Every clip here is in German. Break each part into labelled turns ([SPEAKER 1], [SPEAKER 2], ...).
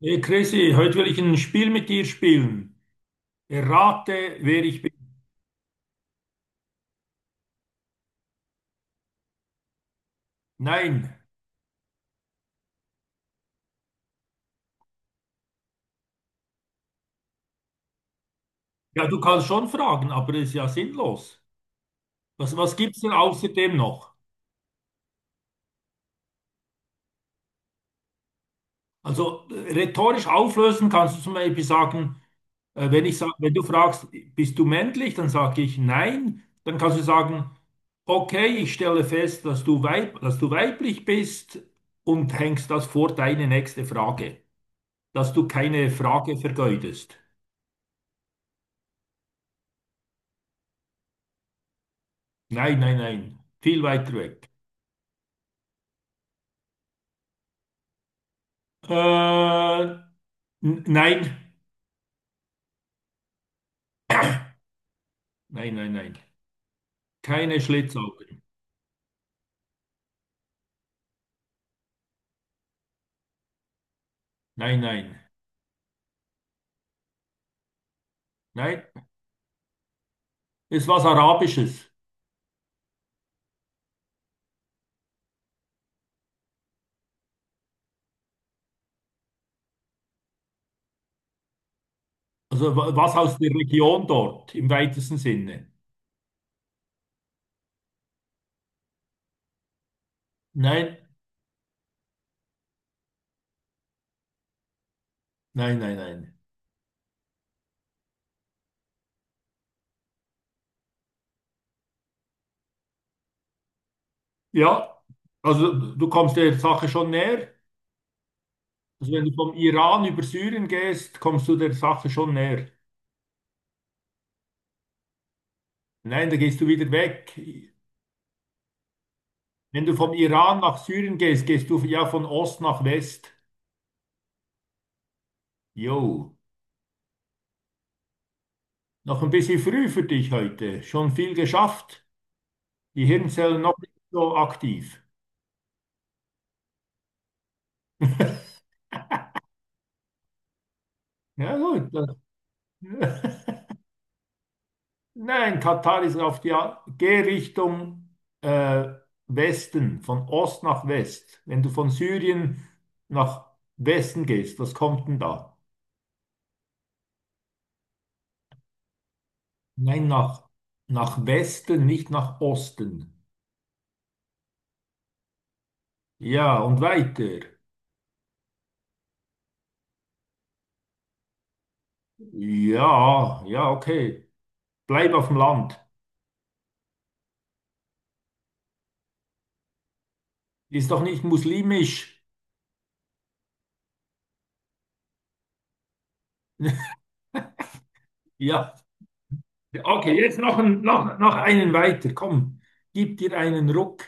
[SPEAKER 1] Hey Chrissy, heute will ich ein Spiel mit dir spielen. Errate, wer ich bin. Nein. Ja, du kannst schon fragen, aber das ist ja sinnlos. Was gibt es denn außerdem noch? Also rhetorisch auflösen kannst du zum Beispiel sagen, wenn ich sag, wenn du fragst, bist du männlich, dann sage ich nein. Dann kannst du sagen, okay, ich stelle fest, dass du weiblich bist und hängst das vor deine nächste Frage, dass du keine Frage vergeudest. Nein, nein, nein. Viel weiter weg. Äh, nein, nein, nein, nein. Keine Schlitzaugen. Nein, nein, nein. Ist was Arabisches. Also was aus der Region dort im weitesten Sinne. Nein, nein, nein, nein. Ja, also du kommst der Sache schon näher. Also wenn du vom Iran über Syrien gehst, kommst du der Sache schon näher. Nein, da gehst du wieder weg. Wenn du vom Iran nach Syrien gehst, gehst du ja von Ost nach West. Jo. Noch ein bisschen früh für dich heute. Schon viel geschafft. Die Hirnzellen noch nicht so aktiv. Ja, gut. Das- Nein, Katar ist auf die Gehrichtung äh, Westen, von Ost nach West. Wenn du von Syrien nach Westen gehst, was kommt denn da? Nein, nach Westen, nicht nach Osten. Ja, und weiter. Ja, ja, okay. Bleib auf dem Land. Ist doch nicht muslimisch. Ja. Okay, jetzt noch einen weiter. Komm, gib dir einen Ruck.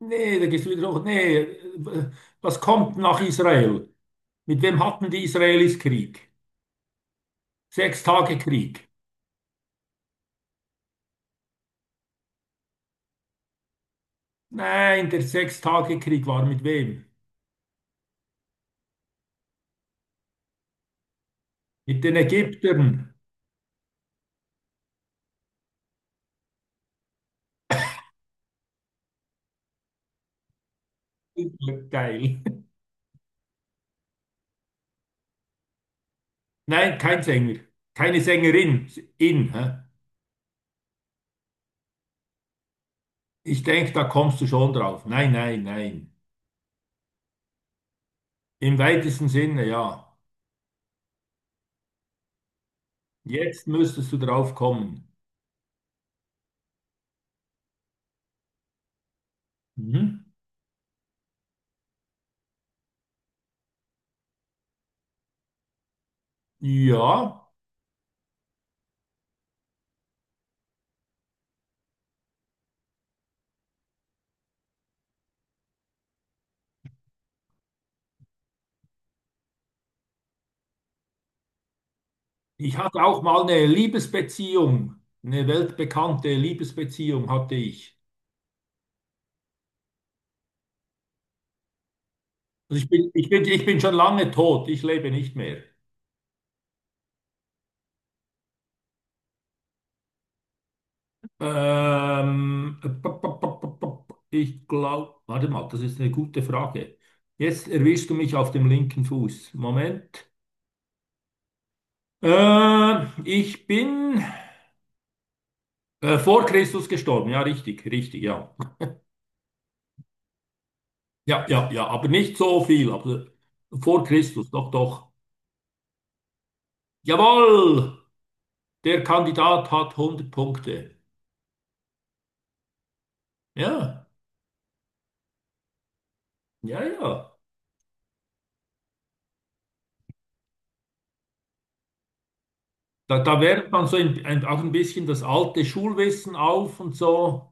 [SPEAKER 1] Nee, da gehst du wieder hoch. Nee, was kommt nach Israel? Mit wem hatten die Israelis Krieg? Sechs Tage Krieg. Nein, der Sechs Tage Krieg war mit wem? Mit den Ägyptern. Geil. Nein, kein Sänger. Keine Sängerin. In. Hä? Ich denke, da kommst du schon drauf. Nein, nein, nein. Im weitesten Sinne, ja. Jetzt müsstest du drauf kommen. Mhm. Ja. Ich hatte auch mal eine Liebesbeziehung, eine weltbekannte Liebesbeziehung hatte ich. Also ich bin schon lange tot, ich lebe nicht mehr. Pop, pop, pop, pop, pop. Ich glaube, warte mal, das ist eine gute Frage. Jetzt erwischst du mich auf dem linken Fuß. Moment. Ich bin vor Christus gestorben, ja, richtig, richtig, ja. Ja, ja, ja, aber nicht so viel, aber vor Christus, doch, doch. Jawohl! Der Kandidat hat 100 Punkte. Ja, ja, ja. Da wärmt man so auch ein bisschen das alte Schulwissen auf und so,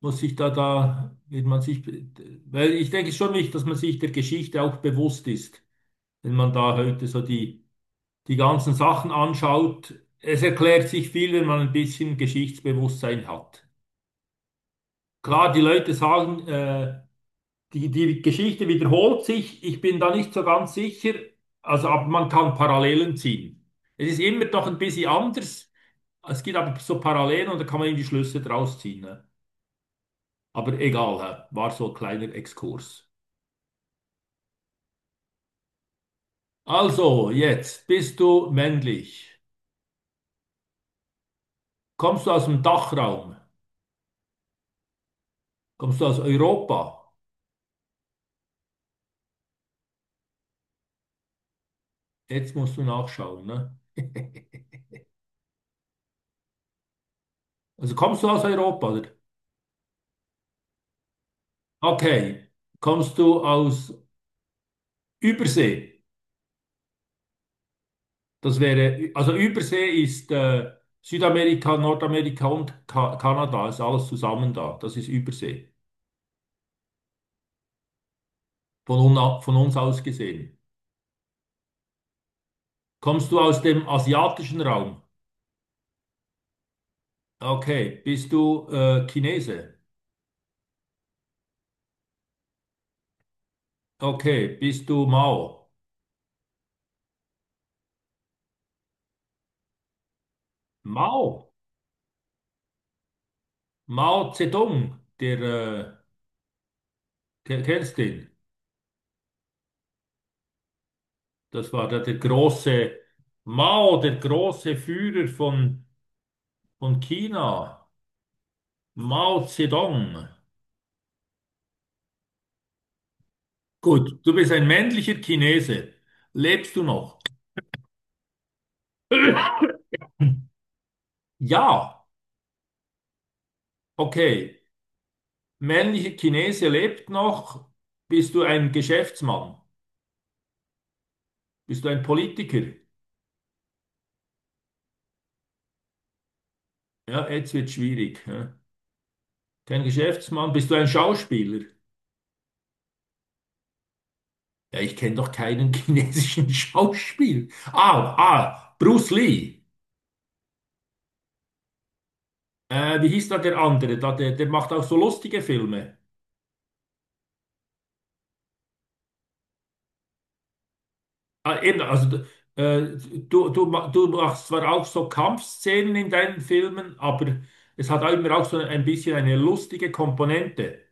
[SPEAKER 1] muss sich wird weil ich denke schon wichtig, dass man sich der Geschichte auch bewusst ist, wenn man da heute so die ganzen Sachen anschaut. Es erklärt sich viel, wenn man ein bisschen Geschichtsbewusstsein hat. Klar, die Leute sagen, die Geschichte wiederholt sich. Ich bin da nicht so ganz sicher. Also, aber man kann Parallelen ziehen. Es ist immer doch ein bisschen anders. Es gibt aber so Parallelen und da kann man eben die Schlüsse draus ziehen. Ne? Aber egal, hä? War so ein kleiner Exkurs. Also, jetzt bist du männlich. Kommst du aus dem Dachraum? Kommst du aus Europa? Jetzt musst du nachschauen. Ne? Also kommst du aus Europa, oder? Okay. Kommst du aus Übersee? Das wäre, also Übersee ist Südamerika, Nordamerika und Ka Kanada, ist alles zusammen da. Das ist Übersee, von uns aus gesehen. Kommst du aus dem asiatischen Raum? Okay, bist du Chinese? Okay, bist du Mao? Mao? Mao Zedong, kennst den? Das war der große, Mao, der große Führer von China. Mao Zedong. Gut, du bist ein männlicher Chinese. Lebst du noch? Ja, okay. Männlicher Chinese lebt noch. Bist du ein Geschäftsmann? Bist du ein Politiker? Ja, jetzt wird schwierig. Ja. Kein Geschäftsmann. Bist du ein Schauspieler? Ja, ich kenne doch keinen chinesischen Schauspieler. Ah, ah, Bruce Lee. Wie hieß da der andere? Da, der macht auch so lustige Filme. Ah, eben, also äh, du machst zwar auch so Kampfszenen in deinen Filmen, aber es hat auch immer auch so ein bisschen eine lustige Komponente.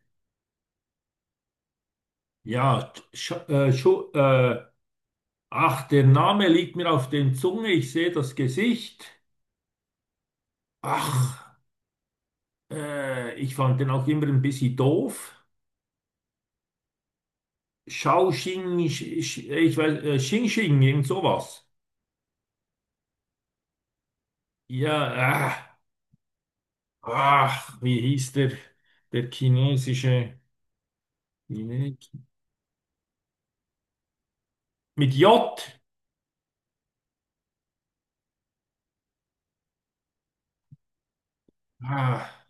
[SPEAKER 1] Ja, Sch Schu ach, der Name liegt mir auf den Zunge, ich sehe das Gesicht. Ach, ich fand den auch immer ein bisschen doof. Shao Xing, Sch- Sch- ich weiß, Xing Xing, irgend sowas. Ja, äh, ach, wie hieß der chinesische... Mit J. Ah,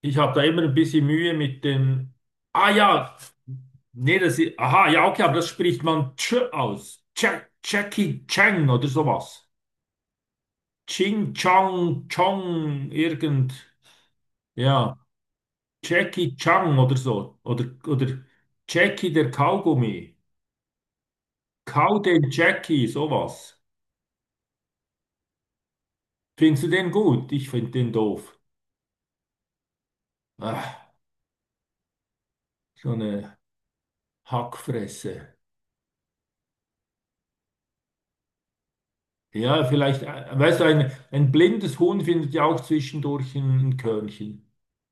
[SPEAKER 1] Ich habe da immer ein bisschen Mühe mit den. Ah ja, nee, das ist. Aha, ja, okay, aber das spricht man Ch aus. Ch Jackie Chang oder sowas. Ching Chang Chong irgend. Ja, Jackie Chang oder so. Oder Jackie der Kaugummi. Kau den Jackie, sowas. Findest du den gut? Ich finde den doof. Ah, so eine Hackfresse. Ja, vielleicht, weißt du, ein blindes Huhn findet ja auch zwischendurch ein Körnchen.